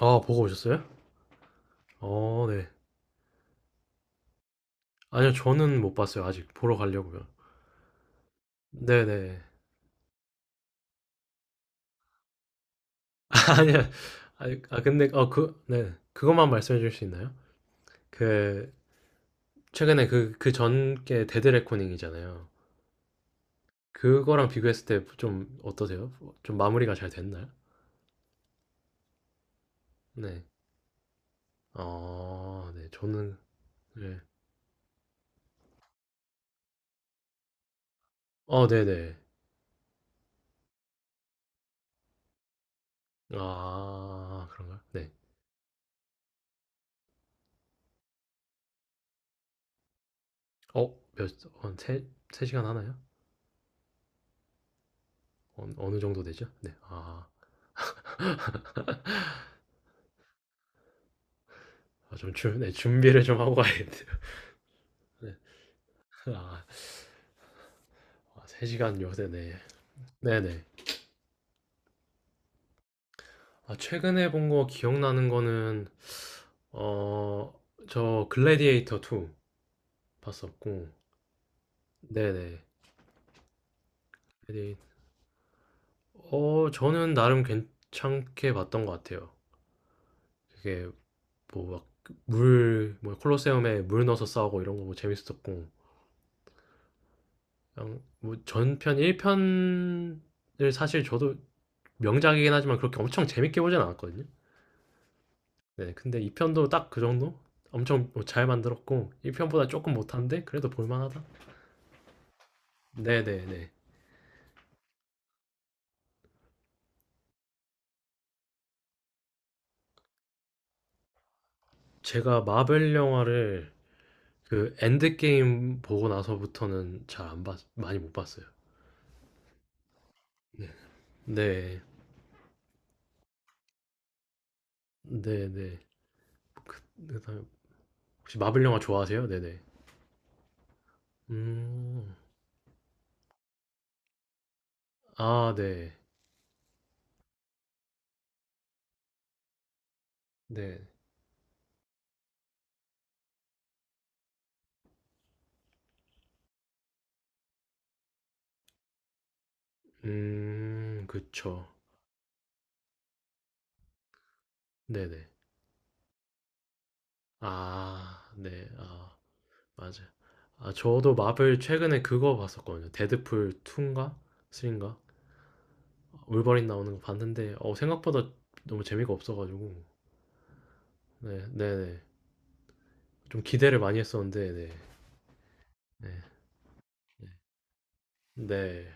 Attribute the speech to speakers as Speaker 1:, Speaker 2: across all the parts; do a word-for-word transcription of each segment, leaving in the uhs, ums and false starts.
Speaker 1: 아, 보고 오셨어요? 어, 네. 아니요, 저는 못 봤어요 아직. 보러 가려고요. 네네. 아니요. 아아 근데 어 그 네. 그것만 말씀해 주실 수 있나요? 그 최근에 그 그 전 게 데드 레코닝이잖아요. 그거랑 비교했을 때 좀 어떠세요? 좀 마무리가 잘 됐나요? 네. 아, 네. 저는 네. 어, 네네. 아, 그런가요? 네. 어 몇 한 세 세 시간 하나요? 어 어느 정도 되죠? 네. 아. 아 좀 준 네, 준비를 좀 하고 가야겠네요. 네. 아, 세 시간 요새네. 네네. 아, 최근에 본 거 기억나는 거는, 어, 저 글래디에이터 투 봤었고, 네네. 글래디- 어, 저는 나름 괜찮게 봤던 것 같아요. 그게 뭐 막 물, 뭐 콜로세움에 물 넣어서 싸우고 이런 거 뭐 재밌었고, 그냥 뭐 전편 일 편을 사실 저도 명작이긴 하지만 그렇게 엄청 재밌게 보진 않았거든요. 네, 근데 이 편도 딱 그 정도? 엄청 뭐잘 만들었고 일 편보다 조금 못한데 그래도 볼만하다. 네네네. 제가 마블 영화를 그 엔드게임 보고 나서부터는 잘 안 봤, 많이 못 봤어요. 네, 네네. 그다음에 혹시 마블 영화 좋아하세요? 네네. 음, 아, 네, 네. 음, 그쵸. 네네. 아, 네, 아, 맞아. 아, 저도 마블 최근에 그거 봤었거든요. 데드풀 이인가? 삼인가? 올바린 나오는 거 봤는데 어 생각보다 너무 재미가 없어 가지고. 네. 네네. 좀 기대를 많이 했었는데 네. 네. 네. 네.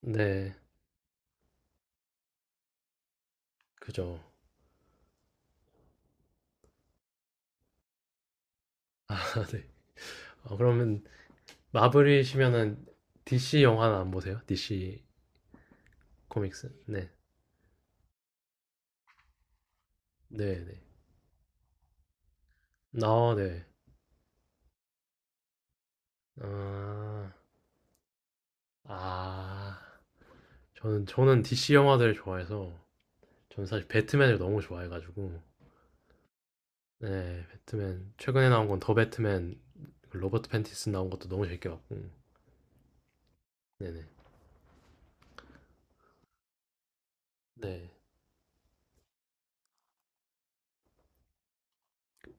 Speaker 1: 네. 그죠. 아, 네. 어, 그러면 마블이시면은 디씨 영화는 안 보세요? 디씨 코믹스? 네. 네네. 아, 네. 아. 아. 저는 저는 디씨 영화들을 좋아해서 저는 사실 배트맨을 너무 좋아해 가지고 네. 배트맨 최근에 나온 건 더 배트맨, 그 로버트 팬티슨 나온 것도 너무 재밌게 봤고. 네네. 네.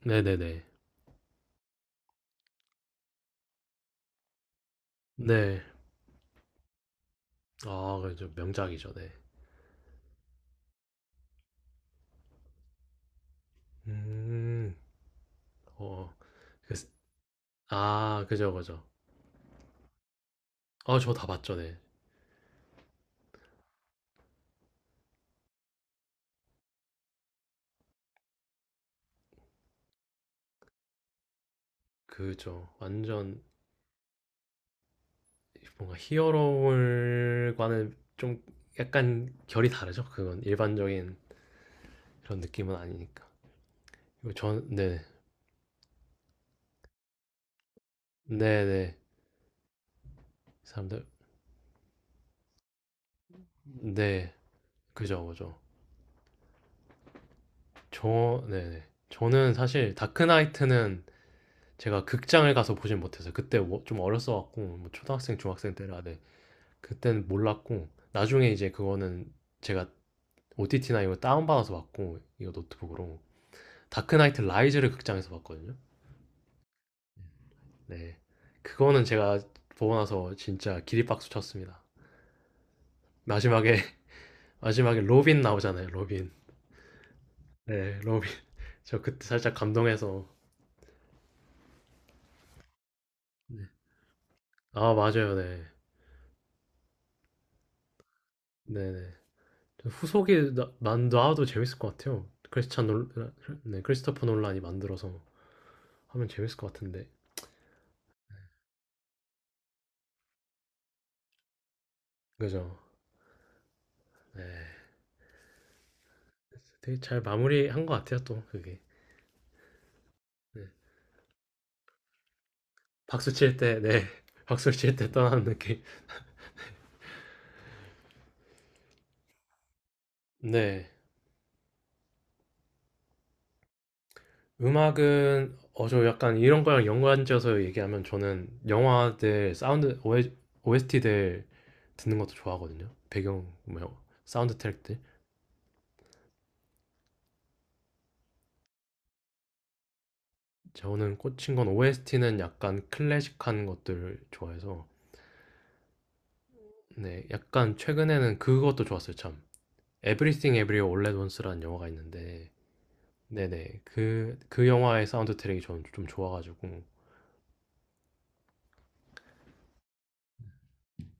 Speaker 1: 네네네. 네. 아, 그죠. 명작이죠. 네. 음. 어. 그 아, 그죠, 그죠. 아, 저 다 봤죠. 네. 그죠. 완전 뭔가 히어로물과는 좀 약간 결이 다르죠. 그건 일반적인 그런 느낌은 아니니까. 이거 전 네. 네네. 사람들 네. 그죠, 그죠. 저, 네 네. 저는 사실 다크나이트는 제가 극장을 가서 보진 못했어요. 그때 워- 좀 어렸어갖고, 뭐 초등학생, 중학생 때라, 네. 그때는 몰랐고, 나중에 이제 그거는 제가 오티티나 이거 다운받아서 봤고, 이거 노트북으로. 다크나이트 라이즈를 극장에서 봤거든요. 네. 그거는 제가 보고 나서 진짜 기립박수 쳤습니다. 마지막에, 마지막에 로빈 나오잖아요, 로빈. 네, 로빈. 저 그때 살짝 감동해서. 네. 아, 맞아요, 네. 네네. 후속이 나, 만 나와도 재밌을 것 같아요. 크리스찬 놀, 네, 크리스토퍼 놀란이 만들어서 하면 재밌을 것 같은데. 그죠? 네. 되게 잘 마무리한 것 같아요, 또, 그게. 네. 박수 칠 때, 네. 박수 칠 때 떠나는 느낌. 네. 음악은, 어, 저 약간 이런 거랑 연관지어서 얘기하면 저는 영화들, 사운드, 오에스티들 듣는 것도 좋아하거든요. 배경, 뭐, 사운드 트랙들. 저는 꽂힌 건 오에스티는 약간 클래식한 것들 좋아해서 네, 약간 최근에는 그것도 좋았어요, 참. Everything Everywhere All at Once라는 영화가 있는데, 네네, 그, 그 영화의 사운드 트랙이 저는 좀 좋아가지고,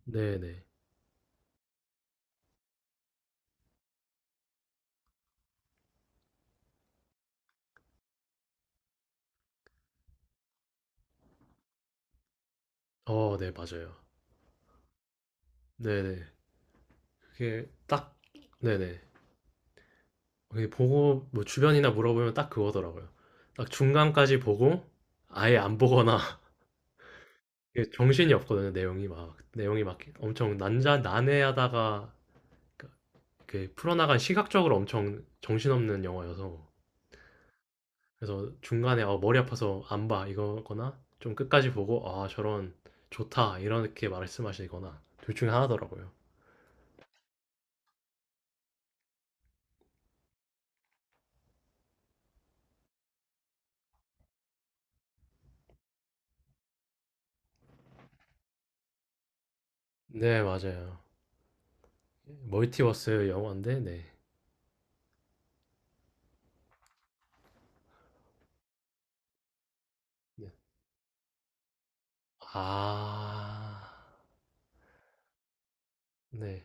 Speaker 1: 네네, 어, 네, 맞아요. 네네, 그게 딱, 네네, 그게 보고, 뭐 주변이나 물어보면 딱 그거더라고요. 딱 중간까지 보고, 아예 안 보거나, 이게 정신이 없거든요, 내용이 막, 내용이 막 엄청 난자, 난해하다가, 그, 그 풀어나간 시각적으로 엄청 정신없는 영화여서, 그래서 중간에 어, 머리 아파서 안 봐 이거거나 좀 끝까지 보고 아 저런 좋다 이렇게 말씀하시거나 둘 중에 하나더라고요. 네, 맞아요. 멀티버스 영화인데 네. 네. 아, 네.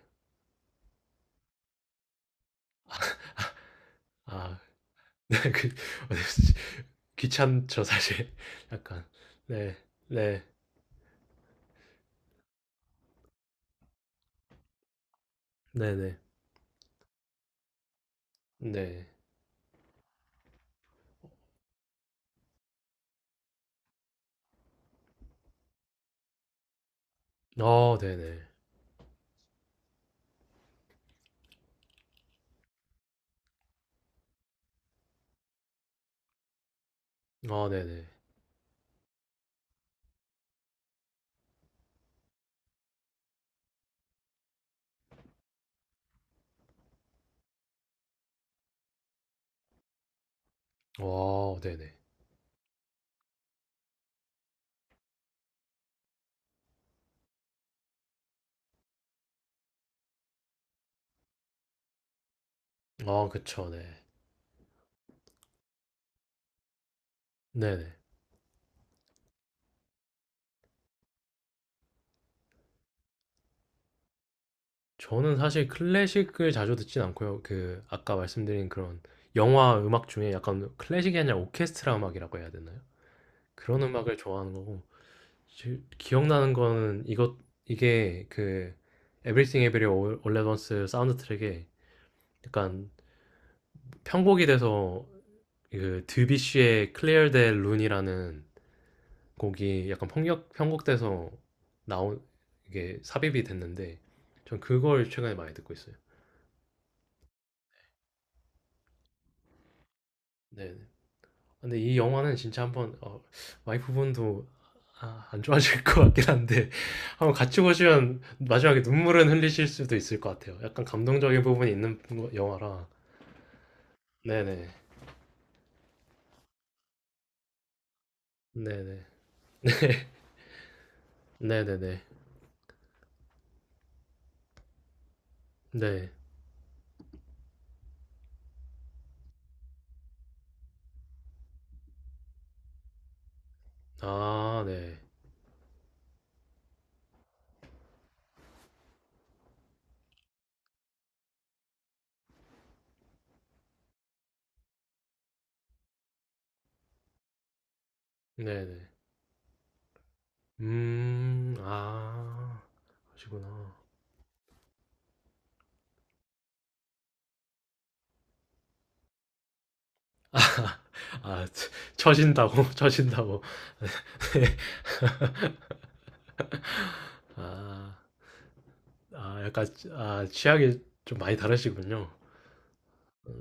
Speaker 1: 아, 네, 그, 어, 귀찮죠, 사실. 약간. 네, 네, 네 네, 네. 네. 어, 네 네. 어, 네 네. 어, 네네. 어, 그쵸, 네. 네네. 저는 사실 클래식을 자주 듣진 않고요. 그 아까 말씀드린 그런 영화 음악 중에 약간 클래식이 아니라 오케스트라 음악이라고 해야 되나요? 그런 음악을 좋아하는 거고 지- 기억나는 거는 이것 이게 그 Everything Everywhere All at Once 사운드 트랙에 약간 편곡이 돼서 그 드뷔시의 Clear the r u n e 이라는 곡이 약간 편곡 편곡돼서 나온 이게 삽입이 됐는데 전 그걸 최근에 많이 듣고 있어요. 네. 근데 이 영화는 진짜 한번 어, 와이프분도 아, 안 좋아하실 것 같긴 한데 한번 같이 보시면 마지막에 눈물은 흘리실 수도 있을 것 같아요. 약간 감동적인 부분이 있는 거- 영화라. 네네. 네네. 네네네. 네. 아, 네. 네네. 음, 아, 그러시구나. 아, 처- 처진다고, 처진다고. 네. 아, 아, 약간, 아, 취향이 좀 많이 다르시군요.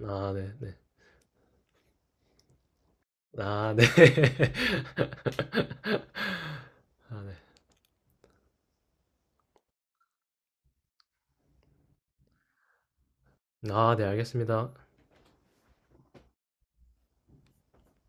Speaker 1: 아, 네네. 아, 네. 아, 네. 아, 네, 알겠습니다.